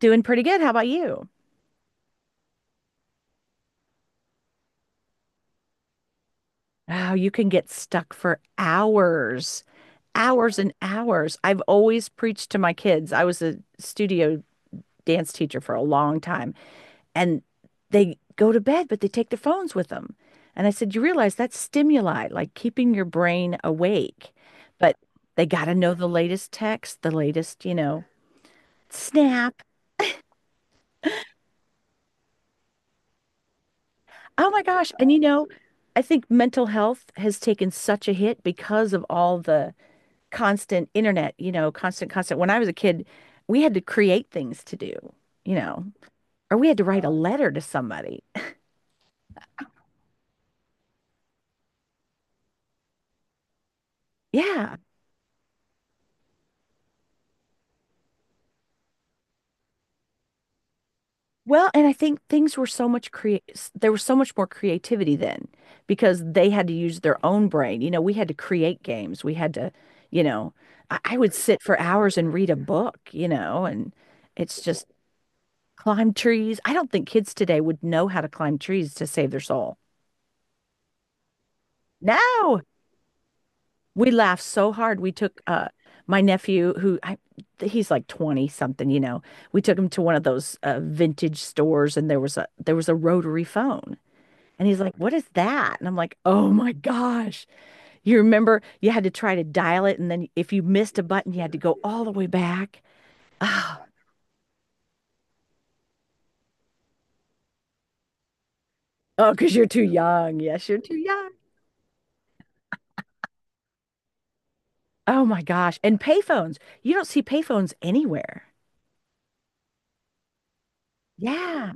Doing pretty good. How about you? Oh, you can get stuck for hours, hours and hours. I've always preached to my kids. I was a studio dance teacher for a long time, and they go to bed, but they take their phones with them. And I said, You realize that's stimuli, like keeping your brain awake. But they got to know the latest text, the latest, snap. Oh my gosh. I think mental health has taken such a hit because of all the constant internet, constant. When I was a kid, we had to create things to do, you know, or we had to write a Wow. letter to somebody. Yeah. Well, and I think things were so much create there was so much more creativity then because they had to use their own brain. You know, we had to create games. We had to, you know, I would sit for hours and read a book, you know, and it's just climb trees. I don't think kids today would know how to climb trees to save their soul. No, we laughed so hard. We took my nephew who I he's like 20 something, you know. We took him to one of those vintage stores and there was a rotary phone. And he's like, "What is that?" And I'm like, "Oh my gosh. You remember you had to try to dial it and then if you missed a button, you had to go all the way back." Oh, oh, because 'cause you're too young. Yes, you're too young. Oh my gosh. And payphones. You don't see payphones anywhere. Yeah.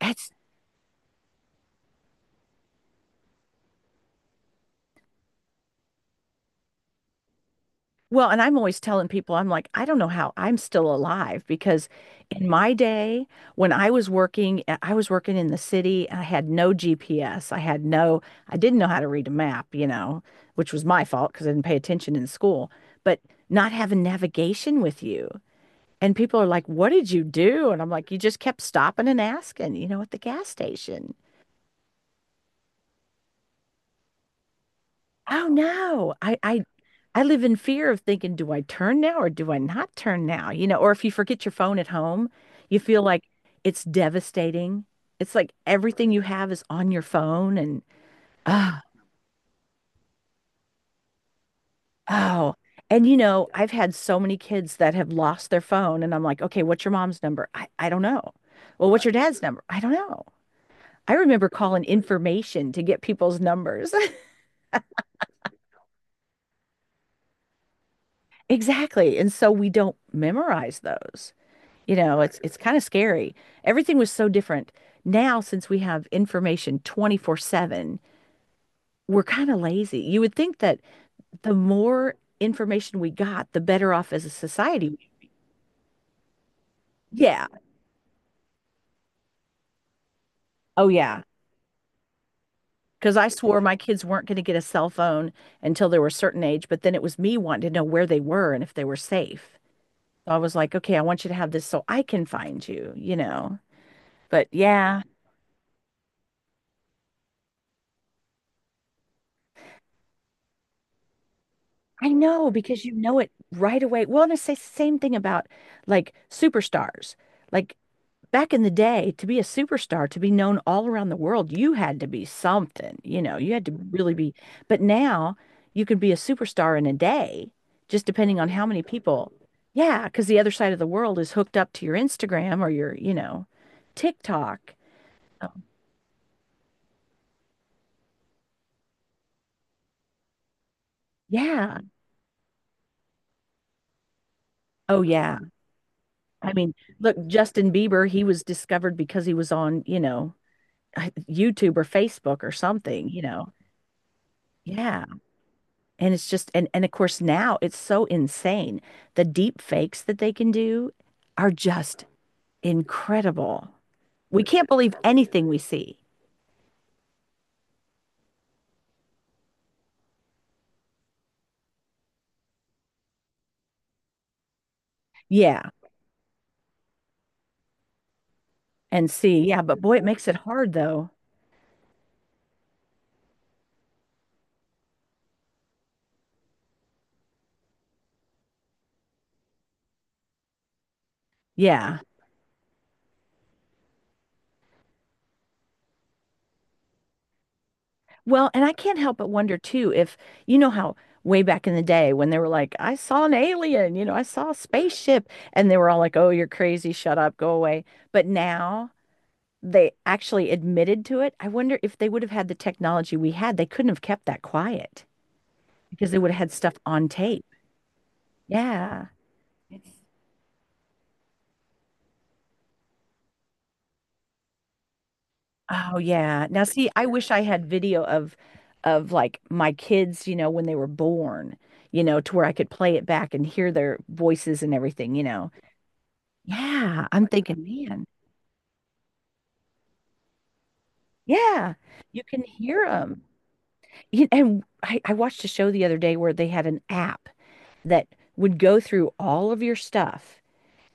It's well, and I'm always telling people, I'm like, I don't know how I'm still alive because in my day, when I was working in the city and I had no GPS. I had no, I didn't know how to read a map, you know, which was my fault because I didn't pay attention in school, but not having navigation with you. And people are like, what did you do? And I'm like, you just kept stopping and asking, you know, at the gas station. Oh no, I live in fear of thinking, do I turn now or do I not turn now? You know, or if you forget your phone at home, you feel like it's devastating. It's like everything you have is on your phone and oh, oh. And you know, I've had so many kids that have lost their phone and I'm like, okay, what's your mom's number? I don't know. Well, what's your dad's number? I don't know. I remember calling information to get people's numbers. Exactly. And so we don't memorize those. It's kind of scary. Everything was so different. Now, since we have information 24/7, we're kind of lazy. You would think that the more information we got, the better off as a society. Yeah. Oh, yeah. Because I swore my kids weren't going to get a cell phone until they were a certain age, but then it was me wanting to know where they were and if they were safe. So I was like, okay, I want you to have this so I can find you, you know. But yeah, I know because you know it right away. Well, and it's the same thing about like superstars. Like back in the day, to be a superstar, to be known all around the world, you had to be something, you know, you had to really be. But now you can be a superstar in a day, just depending on how many people. Yeah, because the other side of the world is hooked up to your Instagram or your, TikTok. Oh, yeah. Oh, yeah. I mean, look, Justin Bieber, he was discovered because he was on, you know, YouTube or Facebook or something, you know. Yeah. And it's just and of course now it's so insane. The deep fakes that they can do are just incredible. We can't believe anything we see. Yeah. And see. Yeah, but boy, it makes it hard though. Yeah. Well, and I can't help but wonder too if you know how way back in the day when they were like, I saw an alien, you know, I saw a spaceship, and they were all like, Oh, you're crazy, shut up, go away. But now they actually admitted to it, I wonder if they would have had the technology we had, they couldn't have kept that quiet because they would have had stuff on tape. Yeah. Oh yeah. Now see, I wish I had video of like my kids, you know, when they were born, you know, to where I could play it back and hear their voices and everything, you know. Yeah, I'm thinking, man. Yeah, you can hear them. And I watched a show the other day where they had an app that would go through all of your stuff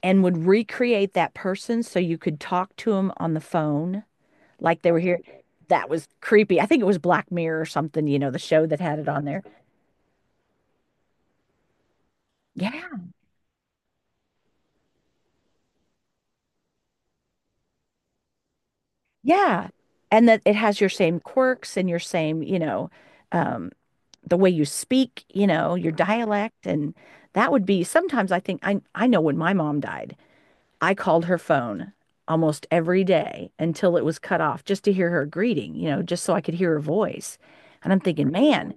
and would recreate that person so you could talk to them on the phone like they were here. That was creepy. I think it was Black Mirror or something, you know, the show that had it on there. Yeah. Yeah. And that it has your same quirks and your same, you know, um, the way you speak, you know, your dialect. And that would be sometimes I think I know when my mom died, I called her phone almost every day until it was cut off just to hear her greeting, you know, just so I could hear her voice. And I'm thinking, man,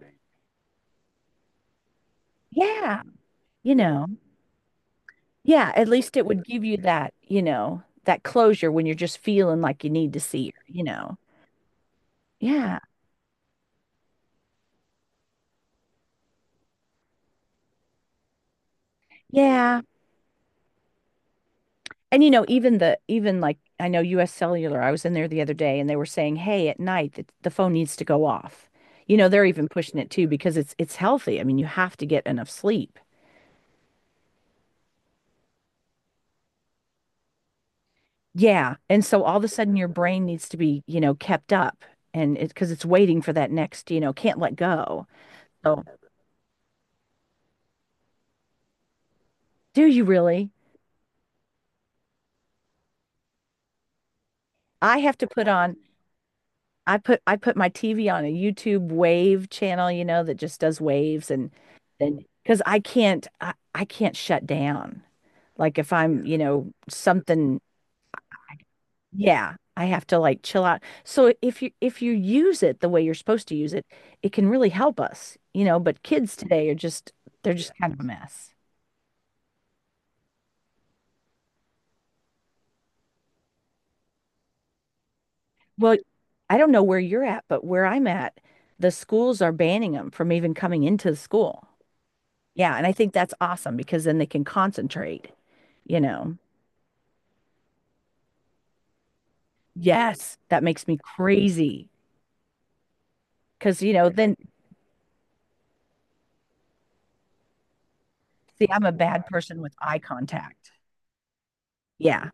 yeah. You know, yeah, at least it would give you that, you know, that closure when you're just feeling like you need to see her, you know. Yeah. Yeah. And you know, even like I know US Cellular, I was in there the other day and they were saying, "Hey, at night the phone needs to go off." You know, they're even pushing it too because it's healthy. I mean, you have to get enough sleep. Yeah. And so all of a sudden your brain needs to be, you know, kept up and it's because it's waiting for that next, you know, can't let go. Oh, do you really? I have to put on I put my TV on a YouTube wave channel, you know, that just does waves and because I can't shut down. Like if I'm, you know, something, yeah, I have to like chill out. So if you use it the way you're supposed to use it, it can really help us, you know, but kids today are just they're just kind of a mess. Well, I don't know where you're at, but where I'm at, the schools are banning them from even coming into the school. Yeah, and I think that's awesome because then they can concentrate, you know. Yes, that makes me crazy because, you know, then see, I'm a bad person with eye contact. Yeah,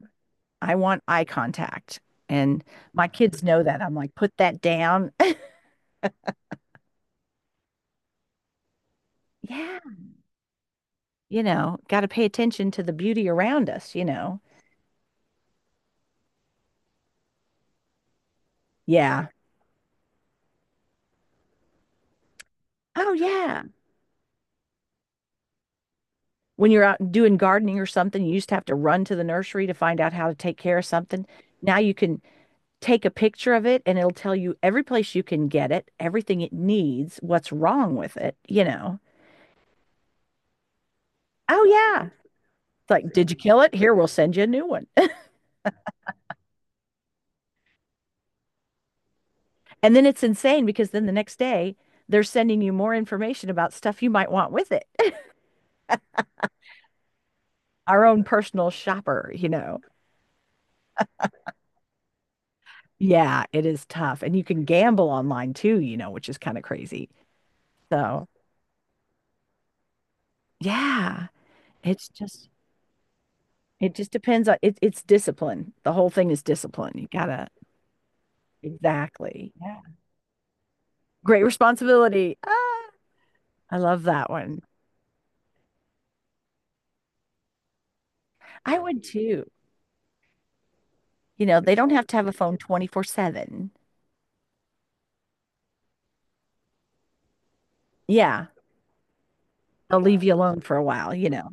I want eye contact. And my kids know that. I'm like, put that down. Yeah, you know, got to pay attention to the beauty around us, you know. Yeah. Oh, yeah. When you're out doing gardening or something, you used to have to run to the nursery to find out how to take care of something. Now you can take a picture of it and it'll tell you every place you can get it, everything it needs, what's wrong with it, you know. Oh yeah. It's like, did you kill it? Here, we'll send you a new one. And then it's insane because then the next day they're sending you more information about stuff you might want with it. Our own personal shopper, you know. Yeah, it is tough. And you can gamble online too, you know, which is kind of crazy. So yeah, it's just it just depends on it's discipline. The whole thing is discipline. You gotta exactly. Yeah. Great responsibility. Ah, I love that one. I would too. You know, they don't have to have a phone 24/7. Yeah. They'll leave you alone for a while, you know.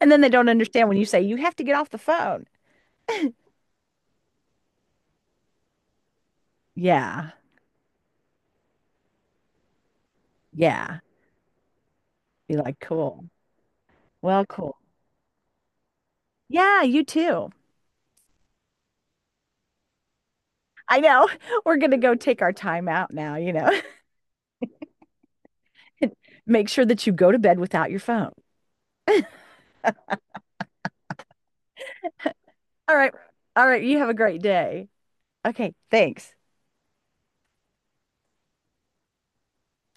And then they don't understand when you say you have to get off the phone. Yeah. Yeah. Be like, cool. Well, cool. Yeah, you too. I know. We're going to go take our time out now, you know. And make sure that you go to bed without your phone. All right. All right. You have a great day. Okay. Thanks.